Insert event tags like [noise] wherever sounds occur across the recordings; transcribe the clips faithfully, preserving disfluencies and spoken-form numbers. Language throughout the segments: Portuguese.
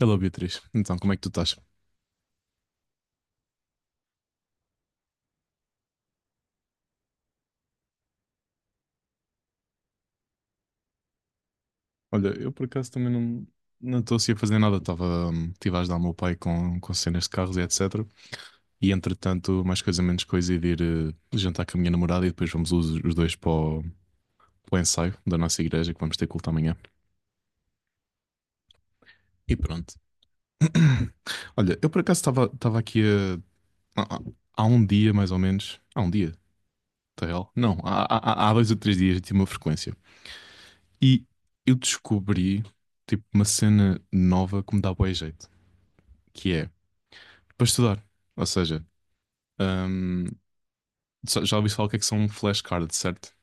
Hello Beatriz, então como é que tu estás? Olha, eu por acaso também não não estou assim a fazer nada, estava hum, estive a ajudar o meu pai com, com cenas de carros e et cetera. E entretanto, mais coisa menos coisa, ir de ir eh, jantar com a minha namorada e depois vamos os, os dois para o, para o ensaio da nossa igreja que vamos ter culto amanhã. E pronto. [coughs] [clears throat] Olha, eu por acaso estava estava aqui a, há, há- há um dia mais ou menos, há um dia, tá real? Não, há, há, há há dois ou três dias eu tinha uma frequência. E eu descobri tipo uma cena nova que me dá bué jeito, que é para estudar. Ou seja, hum, só- já ouvi falar o que é que são flashcards, certo?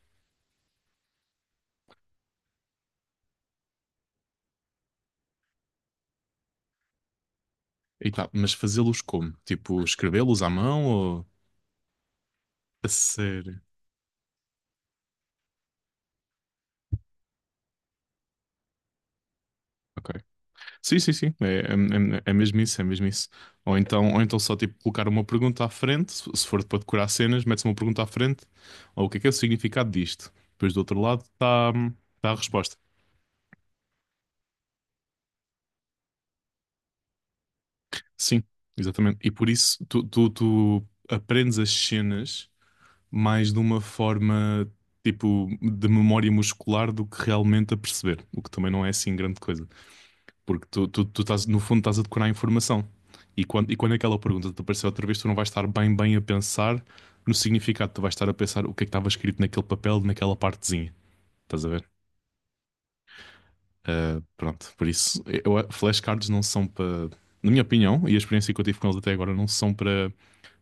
E tá, mas fazê-los como? Tipo, escrevê-los à mão ou. A sério. Ok. Sim, sim, sim. É, é, é- é mesmo isso, é mesmo isso. Ou então, ou então só tipo colocar uma pergunta à frente, se se for para decorar cenas, metes uma pergunta à frente, ou o que é que é o significado disto? Depois do outro lado está tá a resposta. Sim, exatamente. E por isso tu, tu, tu aprendes as cenas mais de uma forma tipo de memória muscular do que realmente a perceber, o que também não é assim grande coisa, porque tu, tu, tu estás, no fundo, estás a decorar a informação. E quando, e quando aquela pergunta te aparecer outra vez, tu não vais estar bem, bem a pensar no significado, tu vais estar a pensar o que é que estava escrito naquele papel, naquela partezinha. Estás a ver? Ah, pronto, por isso, eu, flashcards não são para, na minha opinião, e a experiência que eu tive com eles até agora, não são para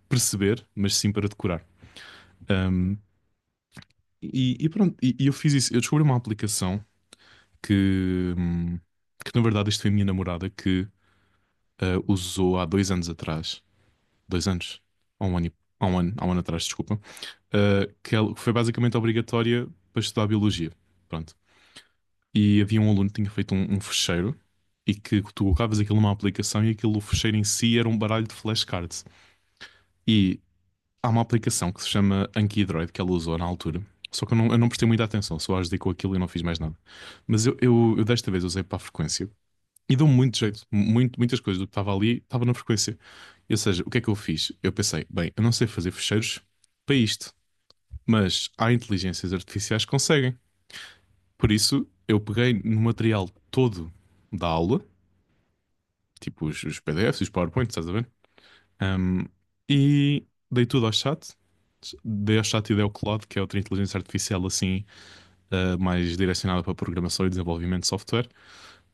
perceber, mas sim para decorar. Ahm, e, e pronto, e, e eu fiz isso. Eu descobri uma aplicação que, hum, que na verdade isto foi a minha namorada que ah, usou há dois anos atrás, dois anos, há um ano, e- há um ano, há um ano atrás, desculpa, ah, que ela- foi basicamente obrigatória para estudar biologia. Pronto. E havia um aluno que tinha feito um, um fecheiro e que tu colocavas aquilo numa aplicação e aquilo, o fecheiro em si era um baralho de flashcards. E há uma aplicação que se chama Anki Droid que ela usou na altura. Só que eu não, eu não prestei muita atenção, só ajudei com aquilo e não fiz mais nada. Mas eu, eu, eu desta vez usei para a frequência. E deu muito jeito, muito, muitas coisas do que estava ali estava na frequência. Ou seja, o que é que eu fiz? Eu pensei, bem, eu não sei fazer fecheiros para isto, mas há inteligências artificiais que conseguem. Por isso, eu peguei no material todo da aula, tipo os, os P D Fs, os PowerPoints, estás a ver? Um, e dei tudo ao chat. Dei ao chat e dei ao Claude, que é outra inteligência artificial assim, uh, mais direcionada para programação e desenvolvimento de software.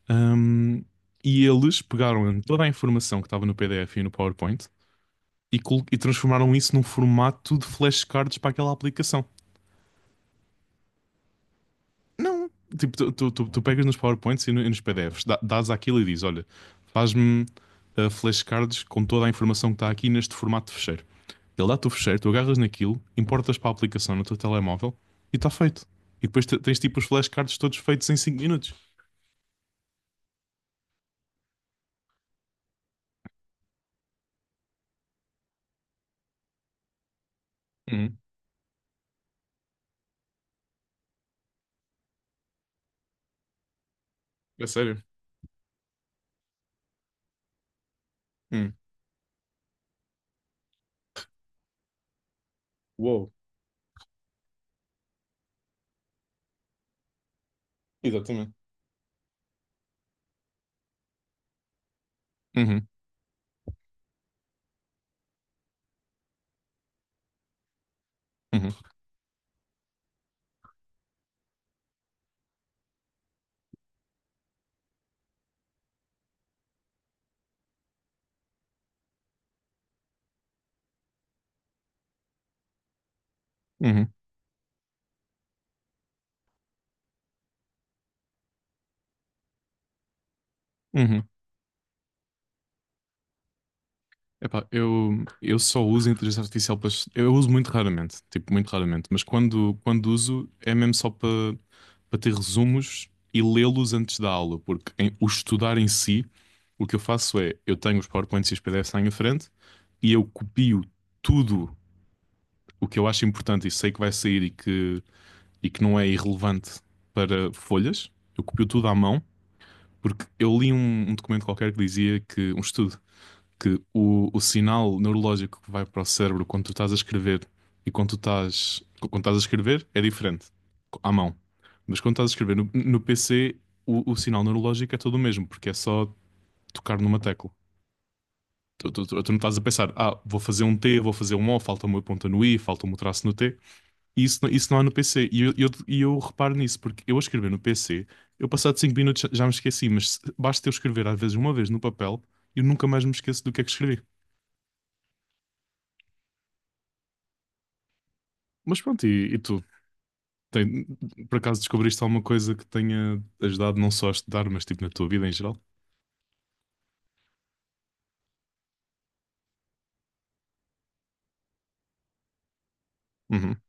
Ahm, e eles pegaram em toda a informação que estava no P D F e no PowerPoint e, col- e transformaram isso num formato de flashcards para aquela aplicação. Não, tipo, tu, tu- tu- tu pegas nos PowerPoints e, no- e nos P D Fs, dá- dás aquilo e dizes: Olha, faz-me ah, flashcards com toda a informação que está aqui neste formato de fecheiro. Ele dá-te o fecheiro, tu agarras naquilo, importas para a aplicação no teu telemóvel e está feito. E depois te- tens tipo os flashcards todos feitos em cinco minutos. Uhum. É sério? Uhum. Uou. Exatamente. Uhum. Uhum. Uhum. Uhum. Epá, eu, eu só uso inteligência artificial para. Eu uso muito raramente, tipo, muito raramente, mas quando, quando uso é mesmo só para para ter resumos e lê-los antes da aula, porque em- o estudar em si, o que eu faço é eu tenho os PowerPoints e os P D Fs lá em frente e eu copio tudo o que eu acho importante e sei que vai sair e que, e que não é irrelevante para folhas, eu copio tudo à mão, porque eu li um, um documento qualquer que dizia que, um estudo que o, o sinal neurológico que vai para o cérebro quando tu estás a escrever e quando tu estás, quando estás a escrever é diferente, co- à mão. Mas quando estás a escrever no, no P C, o, o sinal neurológico é todo o mesmo, porque é só tocar numa tecla. Tu, tu- tu- tu não estás a pensar, ah, vou fazer um T, vou fazer um O, falta uma ponta no I, falta um traço no T. E isso, não- isso não há no P C. E eu, eu, e eu reparo nisso, porque eu a escrever no P C, eu passado cinco minutos já já me esqueci, mas se- basta eu escrever às vezes uma vez no papel, eu nunca mais me esqueço do que é que escrevi. Mas pronto, e, e tu? Tem- por acaso descobriste alguma coisa que tenha ajudado não só a estudar, mas tipo na tua vida em geral? Uhum,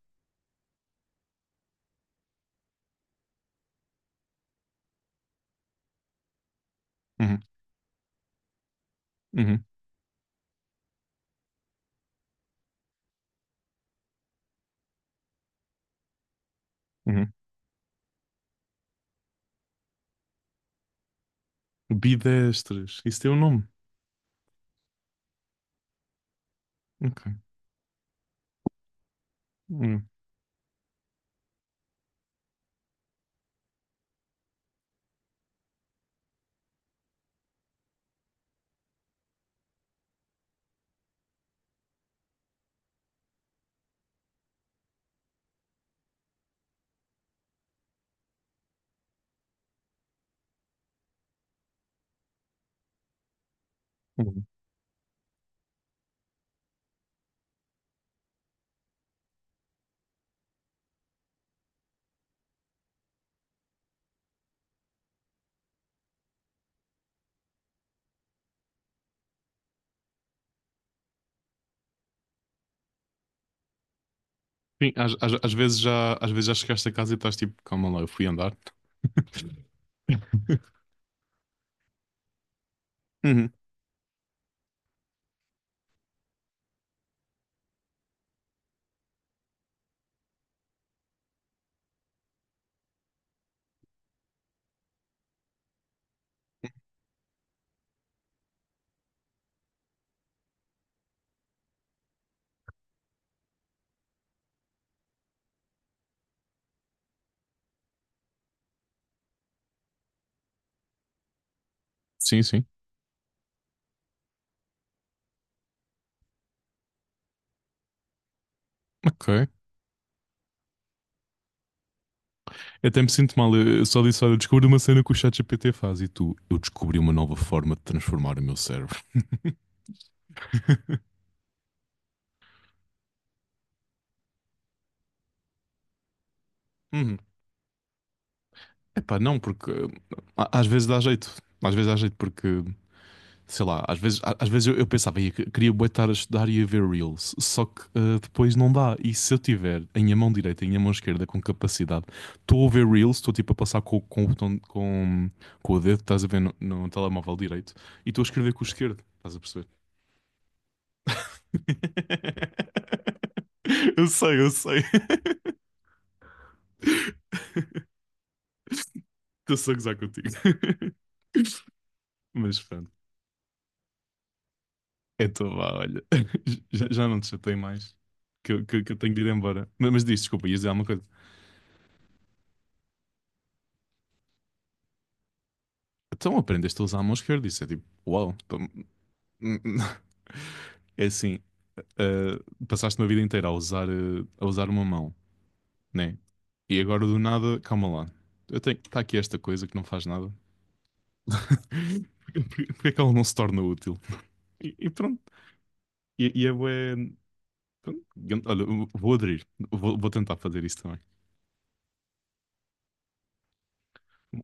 uhum, uhum, uhum. Bidestres, isso tem um nome. Ok. Uhum, uhum. Sim, às, às, às vezes já, às vezes já, chegaste a casa e estás tipo, calma lá, eu fui andar. [laughs] Uhum. Sim, sim. Ok. Eu até me sinto mal. Eu eu só disse, olha, eu descobri uma cena que o ChatGPT faz e tu, eu descobri uma nova forma de transformar o meu cérebro. [laughs] Uhum. Epá, não, porque uh, a- às vezes dá jeito. Às vezes dá jeito porque, sei lá, às vezes, a- às vezes eu, eu pensava, ia, queria bué estar a estudar e a ver Reels, só que uh, depois não dá. E se eu tiver em minha mão direita e em minha mão esquerda com capacidade, estou a ver Reels, estou tipo a passar com, com o botão, com, com o dedo, estás a ver no, no telemóvel direito, e estou a escrever com o esquerdo, estás a perceber? [laughs] Eu sei, eu sei. [laughs] Estou só a gozar contigo. [laughs] Mas pronto. Então vá, olha, [laughs] já, já não te chatei mais, que, eu- que, que eu tenho de ir embora. Mas, mas diz, desculpa, ia dizer alguma coisa. Então aprendeste a usar a mão esquerda, isso é tipo, uau, pá, hum, hum. [laughs] É assim, ah, passaste uma vida inteira a usar, ah, a usar uma mão, né? E agora do nada, calma lá, eu tenho, está aqui esta coisa que não faz nada. [laughs] Porquê porquê que ela não se torna útil? E, e pronto, e, e é bué, pronto, olha, vou aderir, vou, vou tentar fazer isso também.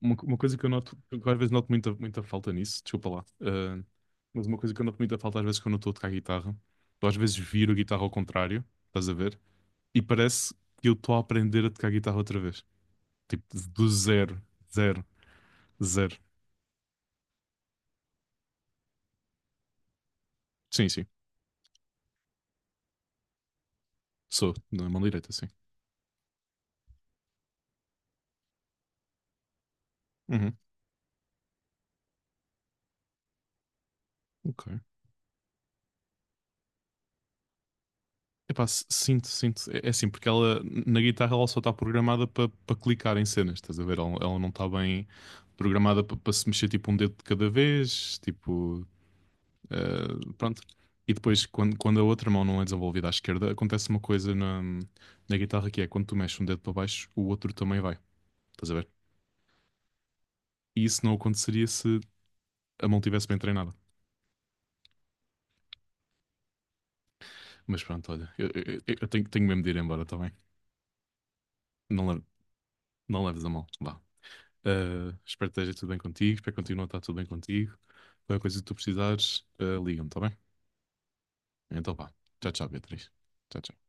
Uma, uma coisa que eu noto, que eu às vezes noto muita, muita falta nisso, desculpa lá, eh, mas uma coisa que eu noto muita falta às vezes quando eu estou a tocar guitarra, eu às vezes viro a guitarra ao contrário, estás a ver? E parece que eu estou a aprender a tocar guitarra outra vez. Tipo, do zero, zero, zero. Sim, sim, sou, na mão direita, sim. Uhum, ok. Epá, s- sinto, sinto. É, é assim, porque ela, na guitarra, ela só está programada para clicar em cenas, estás a ver? Ela, ela não está bem programada para se mexer tipo um dedo de cada vez, tipo. Uh, pronto. E depois, quando, quando a outra mão não é desenvolvida à esquerda, acontece uma coisa na, na guitarra que é quando tu mexes um dedo para baixo, o outro também vai. Estás a ver? E isso não aconteceria se a mão tivesse bem treinada. Mas pronto, olha, eu, eu- eu tenho, tenho mesmo de ir embora, está bem? Não, le- não leves a mão, vá. Uh, espero que esteja tudo bem contigo, espero que continue a estar tudo bem contigo. Qualquer coisa que tu precisares, uh, liga-me, está bem? Então vá. Tchau, tchau, Beatriz. Tchau, tchau.